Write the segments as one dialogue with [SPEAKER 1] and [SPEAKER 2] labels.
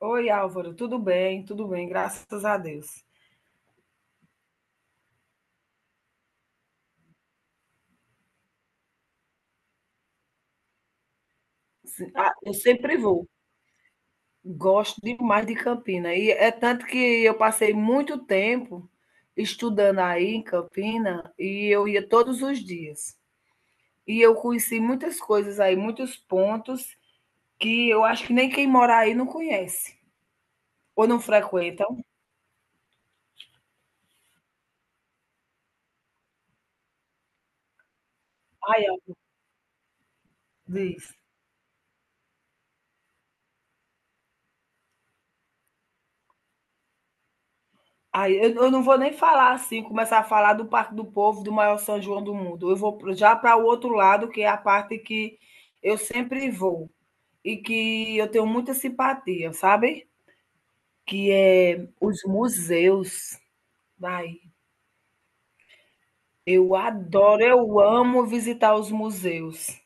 [SPEAKER 1] Oi, Álvaro, tudo bem? Tudo bem, graças a Deus. Sim, Eu sempre vou. Gosto demais de Campina. E é tanto que eu passei muito tempo estudando aí em Campina e eu ia todos os dias. E eu conheci muitas coisas aí, muitos pontos que eu acho que nem quem mora aí não conhece ou não frequentam. Ai, Álvaro, diz. Eu não vou nem falar assim, começar a falar do Parque do Povo, do maior São João do mundo. Eu vou já para o outro lado, que é a parte que eu sempre vou e que eu tenho muita simpatia, sabe? Que é os museus. Ai, eu adoro, eu amo visitar os museus.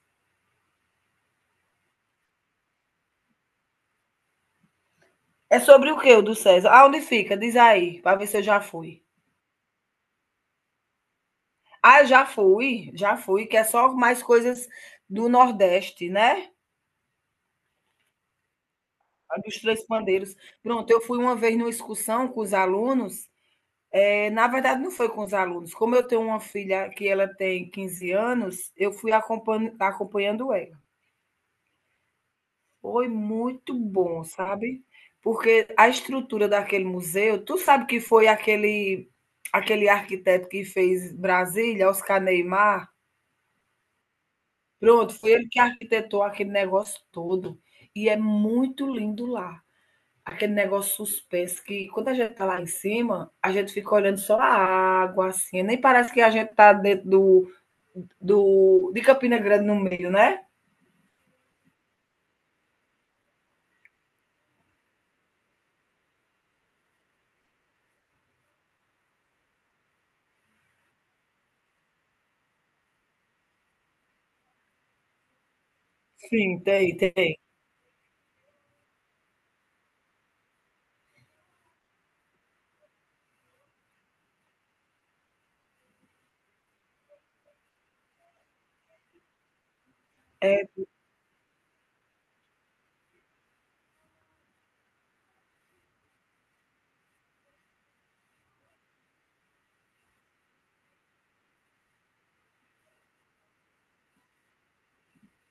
[SPEAKER 1] É sobre o que o do César? Ah, onde fica? Diz aí, para ver se eu já fui. Ah, já fui, que é só mais coisas do Nordeste, né? A dos três pandeiros. Pronto, eu fui uma vez numa excursão com os alunos. É, na verdade, não foi com os alunos. Como eu tenho uma filha que ela tem 15 anos, eu fui acompanhando ela. Foi muito bom, sabe? Porque a estrutura daquele museu, tu sabe que foi aquele arquiteto que fez Brasília, Oscar Neymar? Pronto, foi ele que arquitetou aquele negócio todo. E é muito lindo lá. Aquele negócio suspenso que quando a gente tá lá em cima, a gente fica olhando só a água, assim, nem parece que a gente tá dentro do de Campina Grande no meio, né? Sim, tem, tem. É,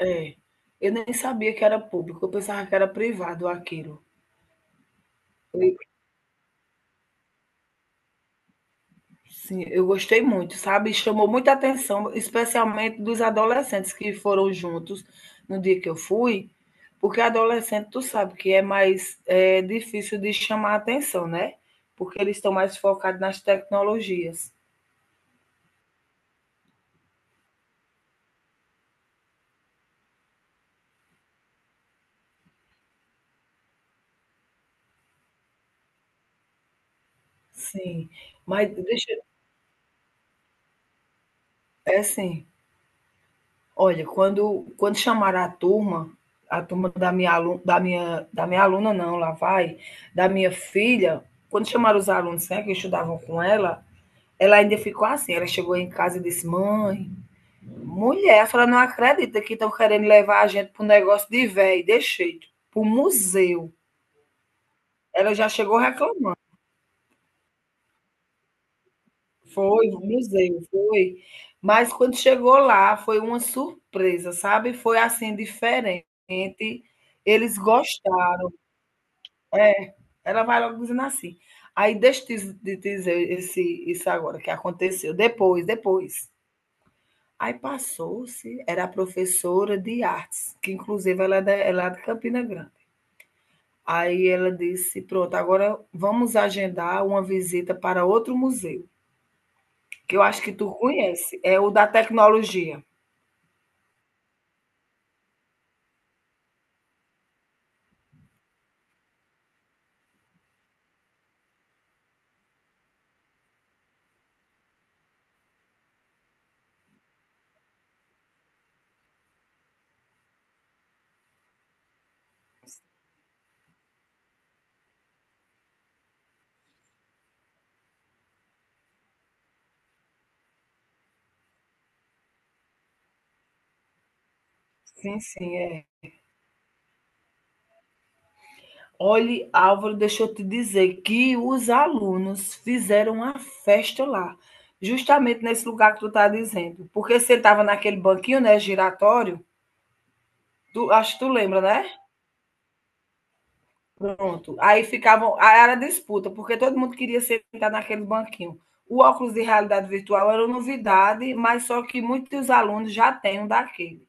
[SPEAKER 1] é, eu nem sabia que era público, eu pensava que era privado aquilo. Eu Sim, eu gostei muito, sabe? Chamou muita atenção, especialmente dos adolescentes que foram juntos no dia que eu fui, porque adolescente, tu sabe que é difícil de chamar atenção, né? Porque eles estão mais focados nas tecnologias. Sim, mas deixa, é assim, olha, quando chamaram a turma da minha aluna, da minha aluna não, lá vai, da minha filha, quando chamaram os alunos, né, que estudavam com ela, ela ainda ficou assim, ela chegou em casa e disse, mãe, mulher, a senhora não acredita que estão querendo levar a gente para um negócio de velho, deixei, para o museu. Ela já chegou reclamando. Foi, no museu, foi. Mas quando chegou lá, foi uma surpresa, sabe? Foi assim, diferente. Eles gostaram. É, ela vai logo dizendo assim. Aí deixa eu te dizer esse, isso agora que aconteceu. Depois, depois. Aí passou-se, era a professora de artes, que inclusive ela é lá de Campina Grande. Aí ela disse: pronto, agora vamos agendar uma visita para outro museu, que eu acho que tu conhece, é o da tecnologia. Sim, sim, é. Olhe, Álvaro, deixa eu te dizer que os alunos fizeram uma festa lá, justamente nesse lugar que tu tá dizendo. Porque sentava naquele banquinho, né, giratório, acho que tu lembra, né? Pronto. Aí ficavam. Aí era disputa, porque todo mundo queria sentar naquele banquinho. O óculos de realidade virtual era novidade, mas só que muitos alunos já têm um daquele.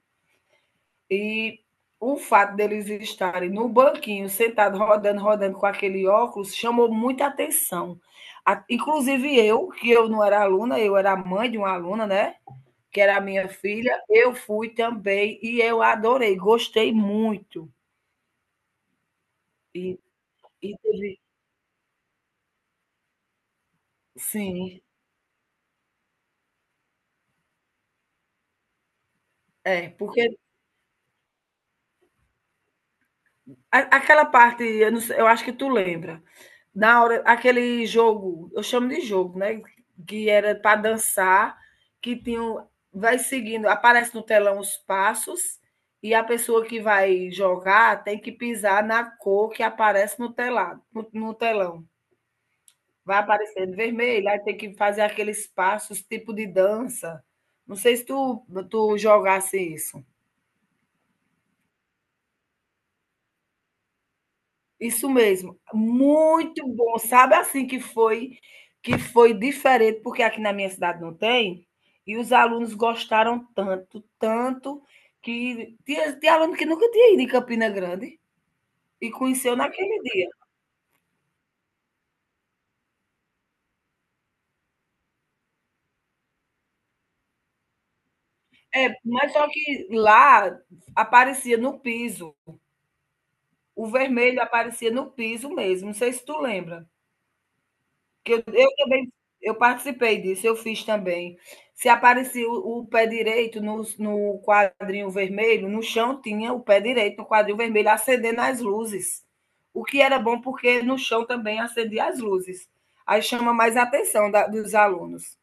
[SPEAKER 1] E o fato deles estarem no banquinho, sentado, rodando com aquele óculos, chamou muita atenção. Inclusive eu, que eu não era aluna, eu era mãe de uma aluna, né? Que era a minha filha, eu fui também e eu adorei, gostei muito. E, e teve, sim, é, porque A- Aquela parte, eu, não sei- eu acho que tu lembra. Na hora, aquele jogo, eu chamo de jogo, né? Que era para dançar, que tinha, vai seguindo, aparece no telão os passos e a pessoa que vai jogar tem que pisar na cor que aparece no telado, no telão. Vai aparecendo vermelho, aí tem que fazer aqueles passos, tipo de dança. Não sei se tu jogasse isso. Isso mesmo, muito bom. Sabe assim que foi diferente, porque aqui na minha cidade não tem, e os alunos gostaram tanto, que tinha aluno que nunca tinha ido em Campina Grande e conheceu naquele dia. É, mas só que lá aparecia no piso, o vermelho aparecia no piso mesmo, não sei se tu lembra. Que eu também eu participei disso, eu fiz também. Se aparecia o pé direito no quadrinho vermelho, no chão tinha o pé direito no quadrinho vermelho acendendo as luzes. O que era bom porque no chão também acendia as luzes. Aí chama mais a atenção dos alunos.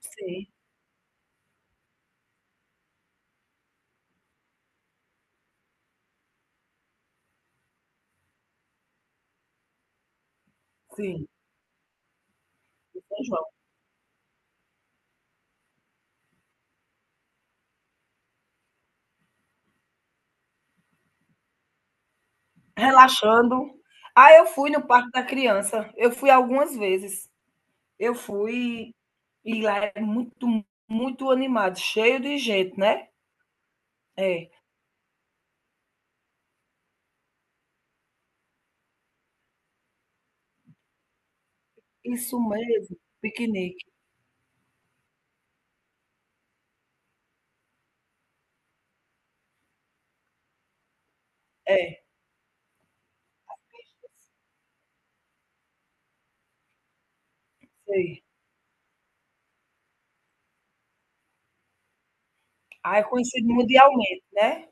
[SPEAKER 1] Sim, sim, São João. Relaxando. Ah, eu fui no Parque da Criança. Eu fui algumas vezes. Eu fui e lá é muito, muito animado, cheio de gente, né? É. Isso mesmo, piquenique. É, sei. Ah, é conhecido mundialmente, né.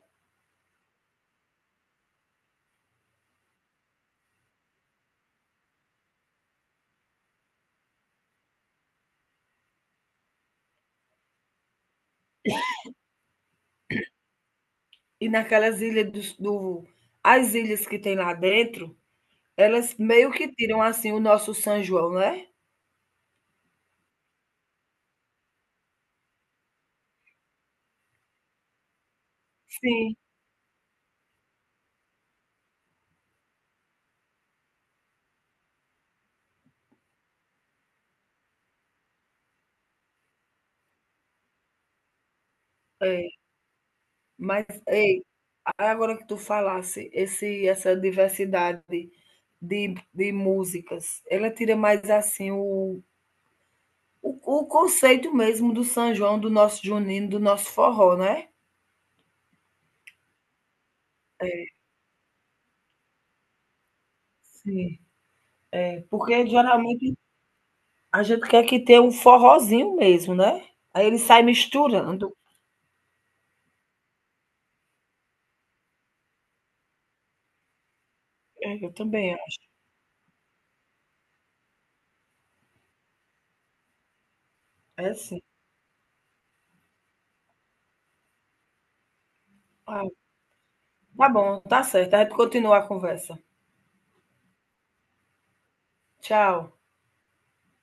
[SPEAKER 1] E naquelas ilhas dos do as ilhas que tem lá dentro, elas meio que tiram, assim, o nosso São João, né. Sim, é. Mas, ei, agora que tu falasse, esse essa diversidade de músicas, ela tira mais, assim, o conceito mesmo do São João, do nosso junino, do nosso forró, né. Sim, é, porque geralmente a gente quer que tenha um forrozinho mesmo, né. Aí ele sai misturando. É, eu também acho. É sim. Ah, tá bom, tá certo. A gente continua a conversa. Tchau.